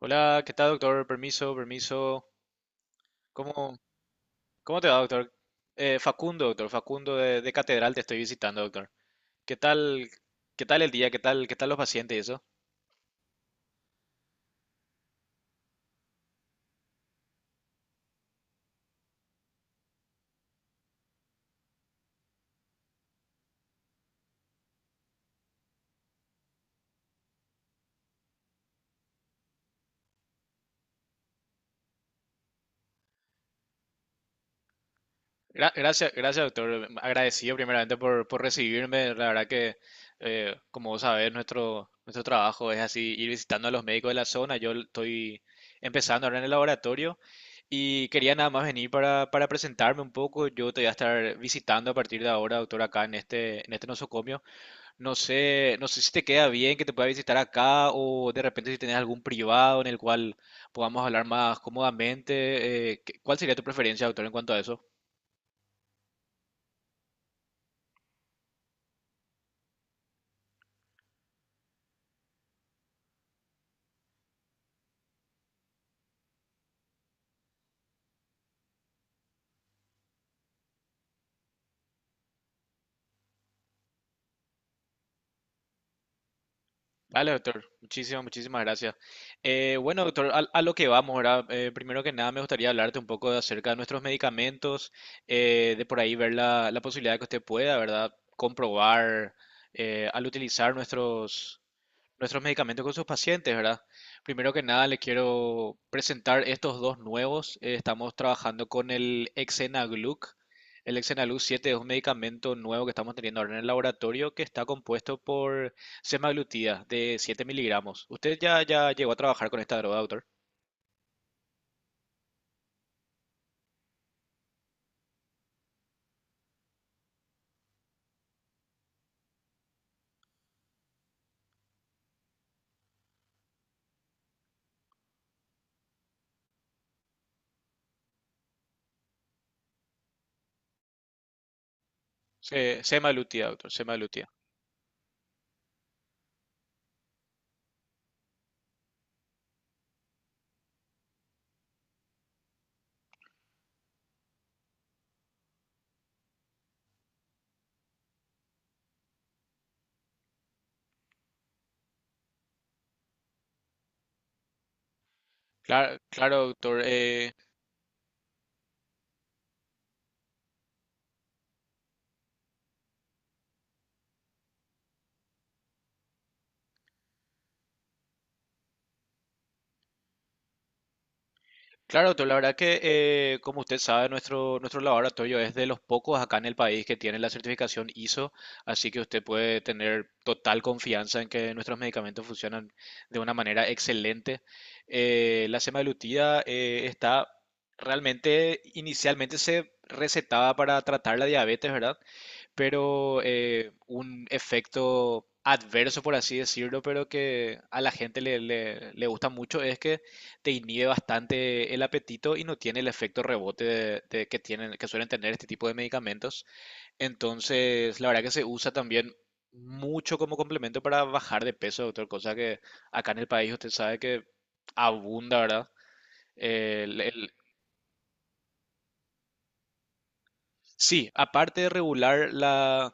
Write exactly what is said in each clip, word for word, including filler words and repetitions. Hola, ¿qué tal, doctor? Permiso, permiso. ¿Cómo, cómo te va, doctor? Eh, Facundo, doctor, Facundo de, de Catedral te estoy visitando, doctor. ¿Qué tal, qué tal el día? ¿Qué tal, qué tal los pacientes y eso? Gra- gracias, gracias, doctor. Agradecido primeramente por, por recibirme. La verdad que, eh, como vos sabés, nuestro, nuestro trabajo es así, ir visitando a los médicos de la zona. Yo estoy empezando ahora en el laboratorio y quería nada más venir para, para presentarme un poco. Yo te voy a estar visitando a partir de ahora, doctor, acá en este, en este nosocomio. No sé, no sé si te queda bien que te pueda visitar acá o de repente si tenés algún privado en el cual podamos hablar más cómodamente. eh, ¿qué- ¿cuál sería tu preferencia, doctor, en cuanto a eso? Vale, doctor, muchísimas, muchísimas gracias. Eh, bueno, doctor, a, a lo que vamos ahora, eh, primero que nada me gustaría hablarte un poco de acerca de nuestros medicamentos, eh, de por ahí ver la, la posibilidad de que usted pueda, ¿verdad?, comprobar eh, al utilizar nuestros... nuestros medicamentos con sus pacientes, ¿verdad? Primero que nada, le quiero presentar estos dos nuevos. Eh, estamos trabajando con el Exenagluc. El Exenagluc siete es un medicamento nuevo que estamos teniendo ahora en el laboratorio que está compuesto por semaglutida de siete miligramos. ¿Usted ya, ya llegó a trabajar con esta droga, doctor? Se- Semaglutida, doctor, semaglutida. Claro, claro, doctor. Claro, doctor, la verdad que, eh, como usted sabe, nuestro, nuestro laboratorio es de los pocos acá en el país que tiene la certificación ISO, así que usted puede tener total confianza en que nuestros medicamentos funcionan de una manera excelente. Eh, la semaglutida eh, está realmente, inicialmente se recetaba para tratar la diabetes, ¿verdad? Pero eh, un efecto adverso, por así decirlo, pero que a la gente le, le- le gusta mucho, es que te inhibe bastante el apetito y no tiene el efecto rebote de- de que tienen, que suelen tener este tipo de medicamentos. Entonces, la verdad que se usa también mucho como complemento para bajar de peso, doctor, cosa que acá en el país usted sabe que abunda, ¿verdad? El- el- sí, aparte de regular la.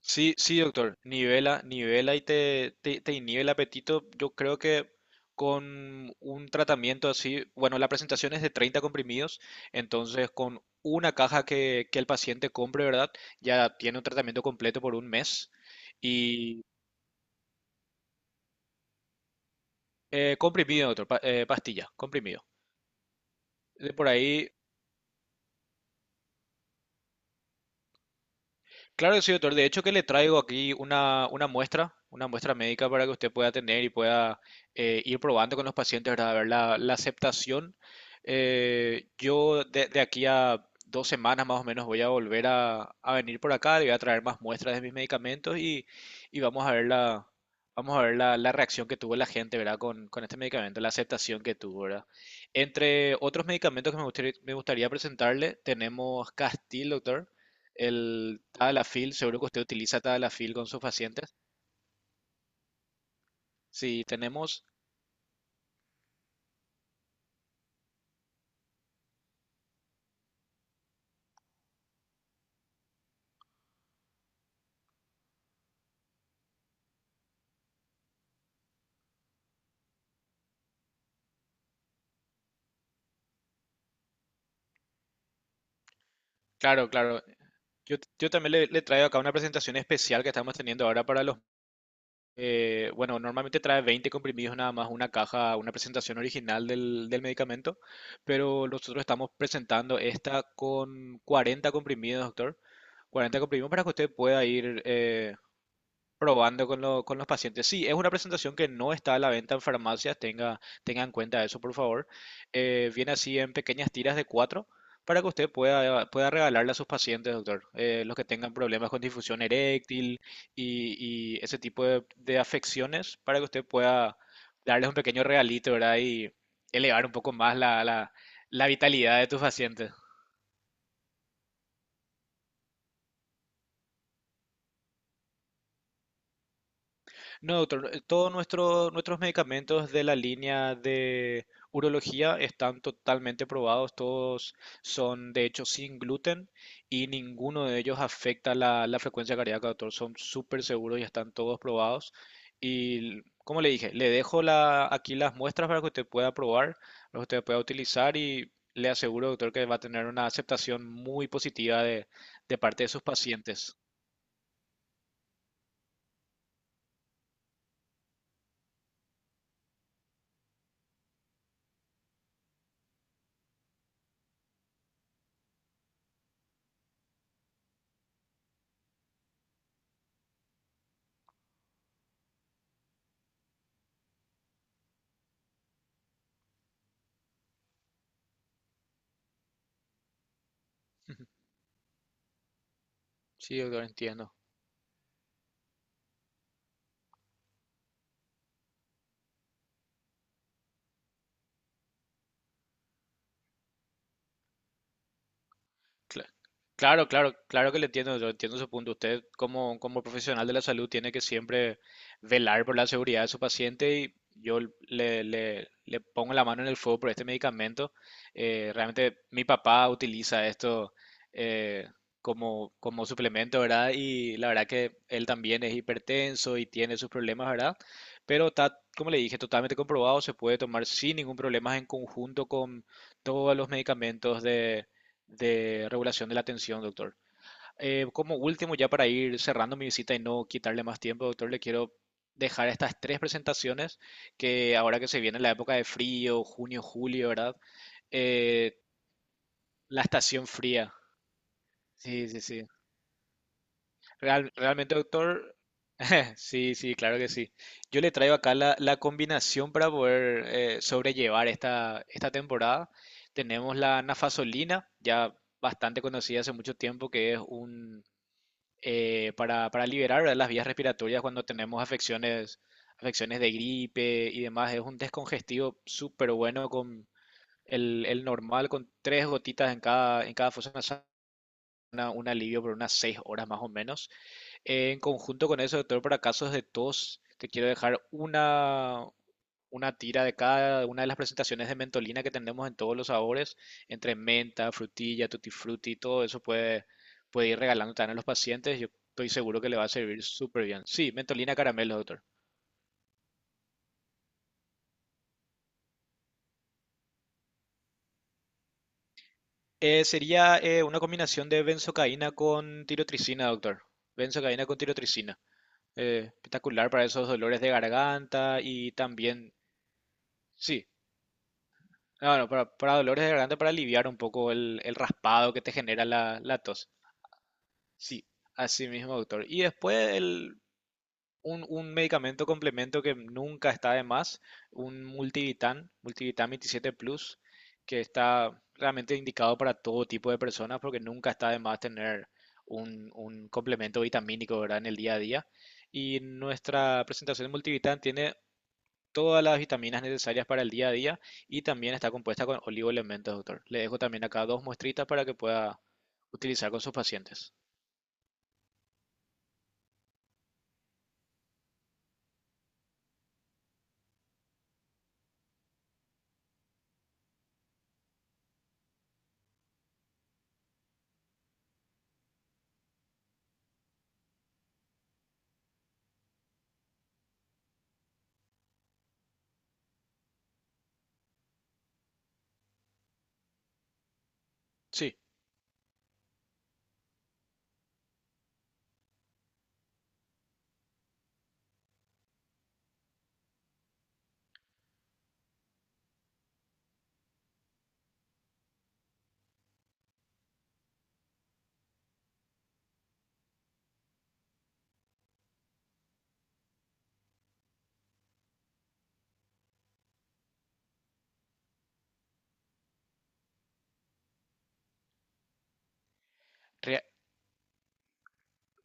Sí, sí, doctor, nivela, nivela y te, te, te inhibe el apetito. Yo creo que con un tratamiento así, bueno, la presentación es de treinta comprimidos, entonces con una caja que, que el paciente compre, ¿verdad?, ya tiene un tratamiento completo por un mes. Y eh, comprimido, doctor, pa- eh, pastilla, comprimido. De por ahí. Claro que sí, doctor. De hecho, que le traigo aquí una, una muestra, una muestra médica para que usted pueda tener y pueda eh, ir probando con los pacientes, ¿verdad?, a ver la, la aceptación. Eh, yo de, de aquí a dos semanas más o menos voy a volver a, a venir por acá, le voy a traer más muestras de mis medicamentos y, y vamos a ver la, vamos a ver la, la reacción que tuvo la gente, ¿verdad? Con, con este medicamento, la aceptación que tuvo, ¿verdad? Entre otros medicamentos que me gustaría, me gustaría presentarle, tenemos Castil, doctor. El Tadalafil, seguro que usted utiliza Tadalafil con sus pacientes. Si tenemos, claro, claro. Yo, yo también le, le traigo acá una presentación especial que estamos teniendo ahora para los. Eh, bueno, normalmente trae veinte comprimidos nada más, una caja, una presentación original del, del medicamento, pero nosotros estamos presentando esta con cuarenta comprimidos, doctor. Cuarenta comprimidos para que usted pueda ir eh, probando con, lo- con los pacientes. Sí, es una presentación que no está a la venta en farmacias, tenga, tenga en cuenta eso, por favor. Eh, viene así en pequeñas tiras de cuatro para que usted pueda, pueda regalarle a sus pacientes, doctor, eh, los que tengan problemas con difusión eréctil y, y ese tipo de, de afecciones, para que usted pueda darles un pequeño regalito, ¿verdad?, y elevar un poco más la, la, la vitalidad de tus pacientes. No, doctor, eh, todos nuestros nuestros medicamentos de la línea de urología están totalmente probados, todos son de hecho sin gluten y ninguno de ellos afecta la, la frecuencia cardíaca, doctor, son súper seguros y están todos probados. Y como le dije, le dejo la, aquí las muestras para que usted pueda probar, para que usted pueda utilizar y le aseguro, doctor, que va a tener una aceptación muy positiva de, de parte de sus pacientes. Sí, doctor, entiendo. Cla- Claro, claro, claro que le entiendo, yo entiendo su punto. Usted como, como profesional de la salud tiene que siempre velar por la seguridad de su paciente y yo le, le- le pongo la mano en el fuego por este medicamento. Eh, realmente mi papá utiliza esto eh, como, como suplemento, ¿verdad? Y la verdad que él también es hipertenso y tiene sus problemas, ¿verdad? Pero está, como le dije, totalmente comprobado, se puede tomar sin ningún problema en conjunto con todos los medicamentos de de regulación de la atención, doctor. Eh, como último, ya para ir cerrando mi visita y no quitarle más tiempo, doctor, le quiero dejar estas tres presentaciones, que ahora que se viene la época de frío, junio, julio, ¿verdad? Eh, la estación fría. Sí, sí, sí. Real- realmente, doctor, sí, sí, claro que sí. Yo le traigo acá la, la combinación para poder eh, sobrellevar esta, esta temporada. Tenemos la nafasolina, ya bastante conocida hace mucho tiempo, que es un eh, para, para liberar, ¿verdad?, las vías respiratorias cuando tenemos afecciones, afecciones de gripe y demás. Es un descongestivo súper bueno con el, el normal, con tres gotitas en cada, en cada fosa nasal, una- un alivio por unas seis horas más o menos. En conjunto con eso, doctor, para casos de tos, te quiero dejar una, una tira de cada una de las presentaciones de mentolina que tenemos en todos los sabores, entre menta, frutilla, tutti frutti. Todo eso puede, puede ir regalando también a los pacientes. Yo estoy seguro que le va a servir súper bien. Sí, mentolina caramelo, doctor. Eh, sería eh, una combinación de benzocaína con tirotricina, doctor. Benzocaína con tirotricina. Eh, espectacular para esos dolores de garganta y también, sí. No, no, para, para dolores de garganta, para aliviar un poco el, el raspado que te genera la, la tos. Sí, así mismo, doctor. Y después el, un, un medicamento complemento que nunca está de más, un multivitan, multivitan veintisiete Plus, que está realmente indicado para todo tipo de personas porque nunca está de más tener un, un complemento vitamínico, ¿verdad?, en el día a día. Y nuestra presentación de multivitam tiene todas las vitaminas necesarias para el día a día y también está compuesta con oligoelementos, doctor. Le dejo también acá dos muestritas para que pueda utilizar con sus pacientes. Sí, rea-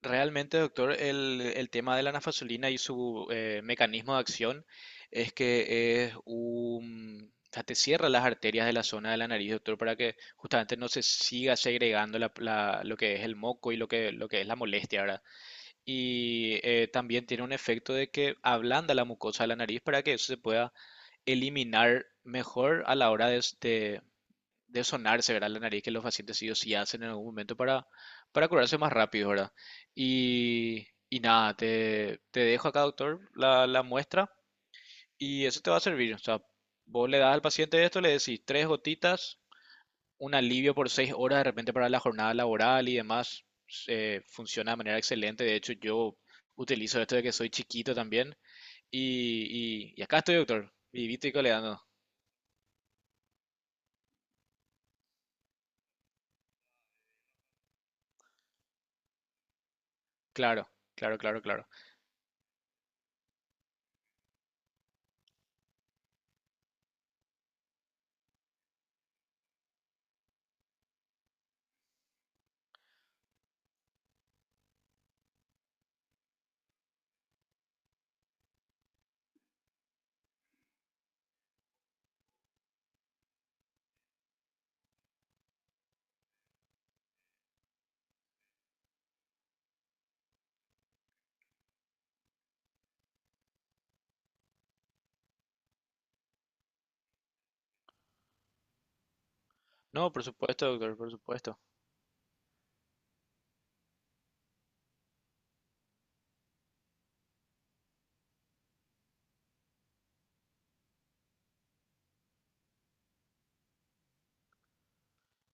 realmente, doctor, el, el tema de la nafazolina y su eh, mecanismo de acción es que es un... o sea, te cierra las arterias de la zona de la nariz, doctor, para que justamente no se siga segregando la- la- lo que es el moco y lo que, lo que es la molestia, ¿verdad? Y eh, también tiene un efecto de que ablanda la mucosa de la nariz para que eso se pueda eliminar mejor a la hora de, s- de- de sonarse, ¿verdad?, la nariz, que los pacientes sí o sí hacen en algún momento para, para curarse más rápido, ¿verdad? Y, y nada, te, te dejo acá, doctor, la, la muestra y eso te va a servir. O sea, vos le das al paciente esto, le decís tres gotitas, un alivio por seis horas de repente para la jornada laboral y demás, eh, funciona de manera excelente. De hecho, yo utilizo esto de que soy chiquito también. Y, y- y acá estoy, doctor, vivito y coleando. Claro, claro, claro, claro. No, por supuesto, doctor, por supuesto.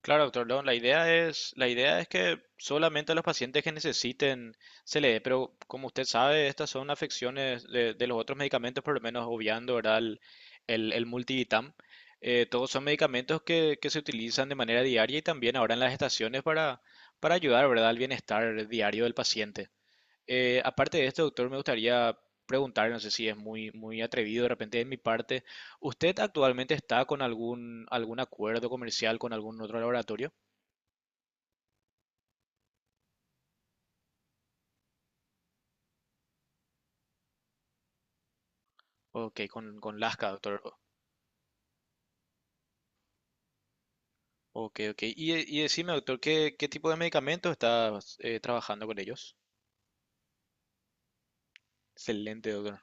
Claro, doctor Long, la idea es, la idea es, que solamente a los pacientes que necesiten se le dé, pero como usted sabe, estas son afecciones de, de los otros medicamentos, por lo menos obviando, ¿verdad? El, el, el Multivitam. Eh, todos son medicamentos que, que se utilizan de manera diaria y también ahora en las estaciones para, para ayudar, ¿verdad?, al bienestar diario del paciente. Eh, aparte de esto, doctor, me gustaría preguntar, no sé si es muy, muy atrevido de repente de mi parte, ¿usted actualmente está con algún, algún acuerdo comercial con algún otro laboratorio? Ok, con, con Lasca, doctor. Ok, ok. Y, y decime, doctor, ¿qué, qué tipo de medicamentos está eh, trabajando con ellos? Excelente, doctor.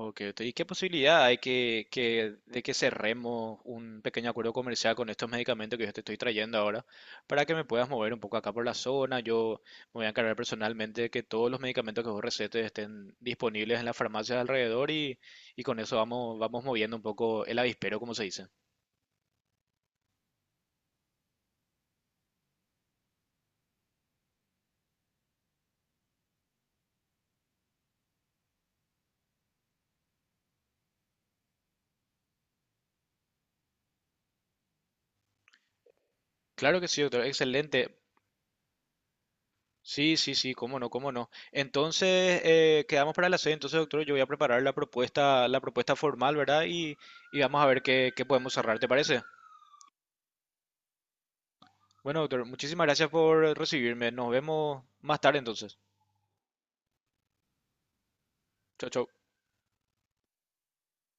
Ok, ok. ¿Y qué posibilidad hay que, que- de que cerremos un pequeño acuerdo comercial con estos medicamentos que yo te estoy trayendo ahora para que me puedas mover un poco acá por la zona? Yo me voy a encargar personalmente de que todos los medicamentos que vos recetes estén disponibles en las farmacias de alrededor, y, y con eso vamos, vamos moviendo un poco el avispero, como se dice. Claro que sí, doctor. Excelente. Sí, sí, sí, cómo no, cómo no. Entonces, eh, quedamos para la sede. Entonces, doctor, yo voy a preparar la propuesta, la propuesta, formal, ¿verdad? Y, y vamos a ver qué, qué podemos cerrar, ¿te parece? Bueno, doctor, muchísimas gracias por recibirme. Nos vemos más tarde entonces. Chao, chao.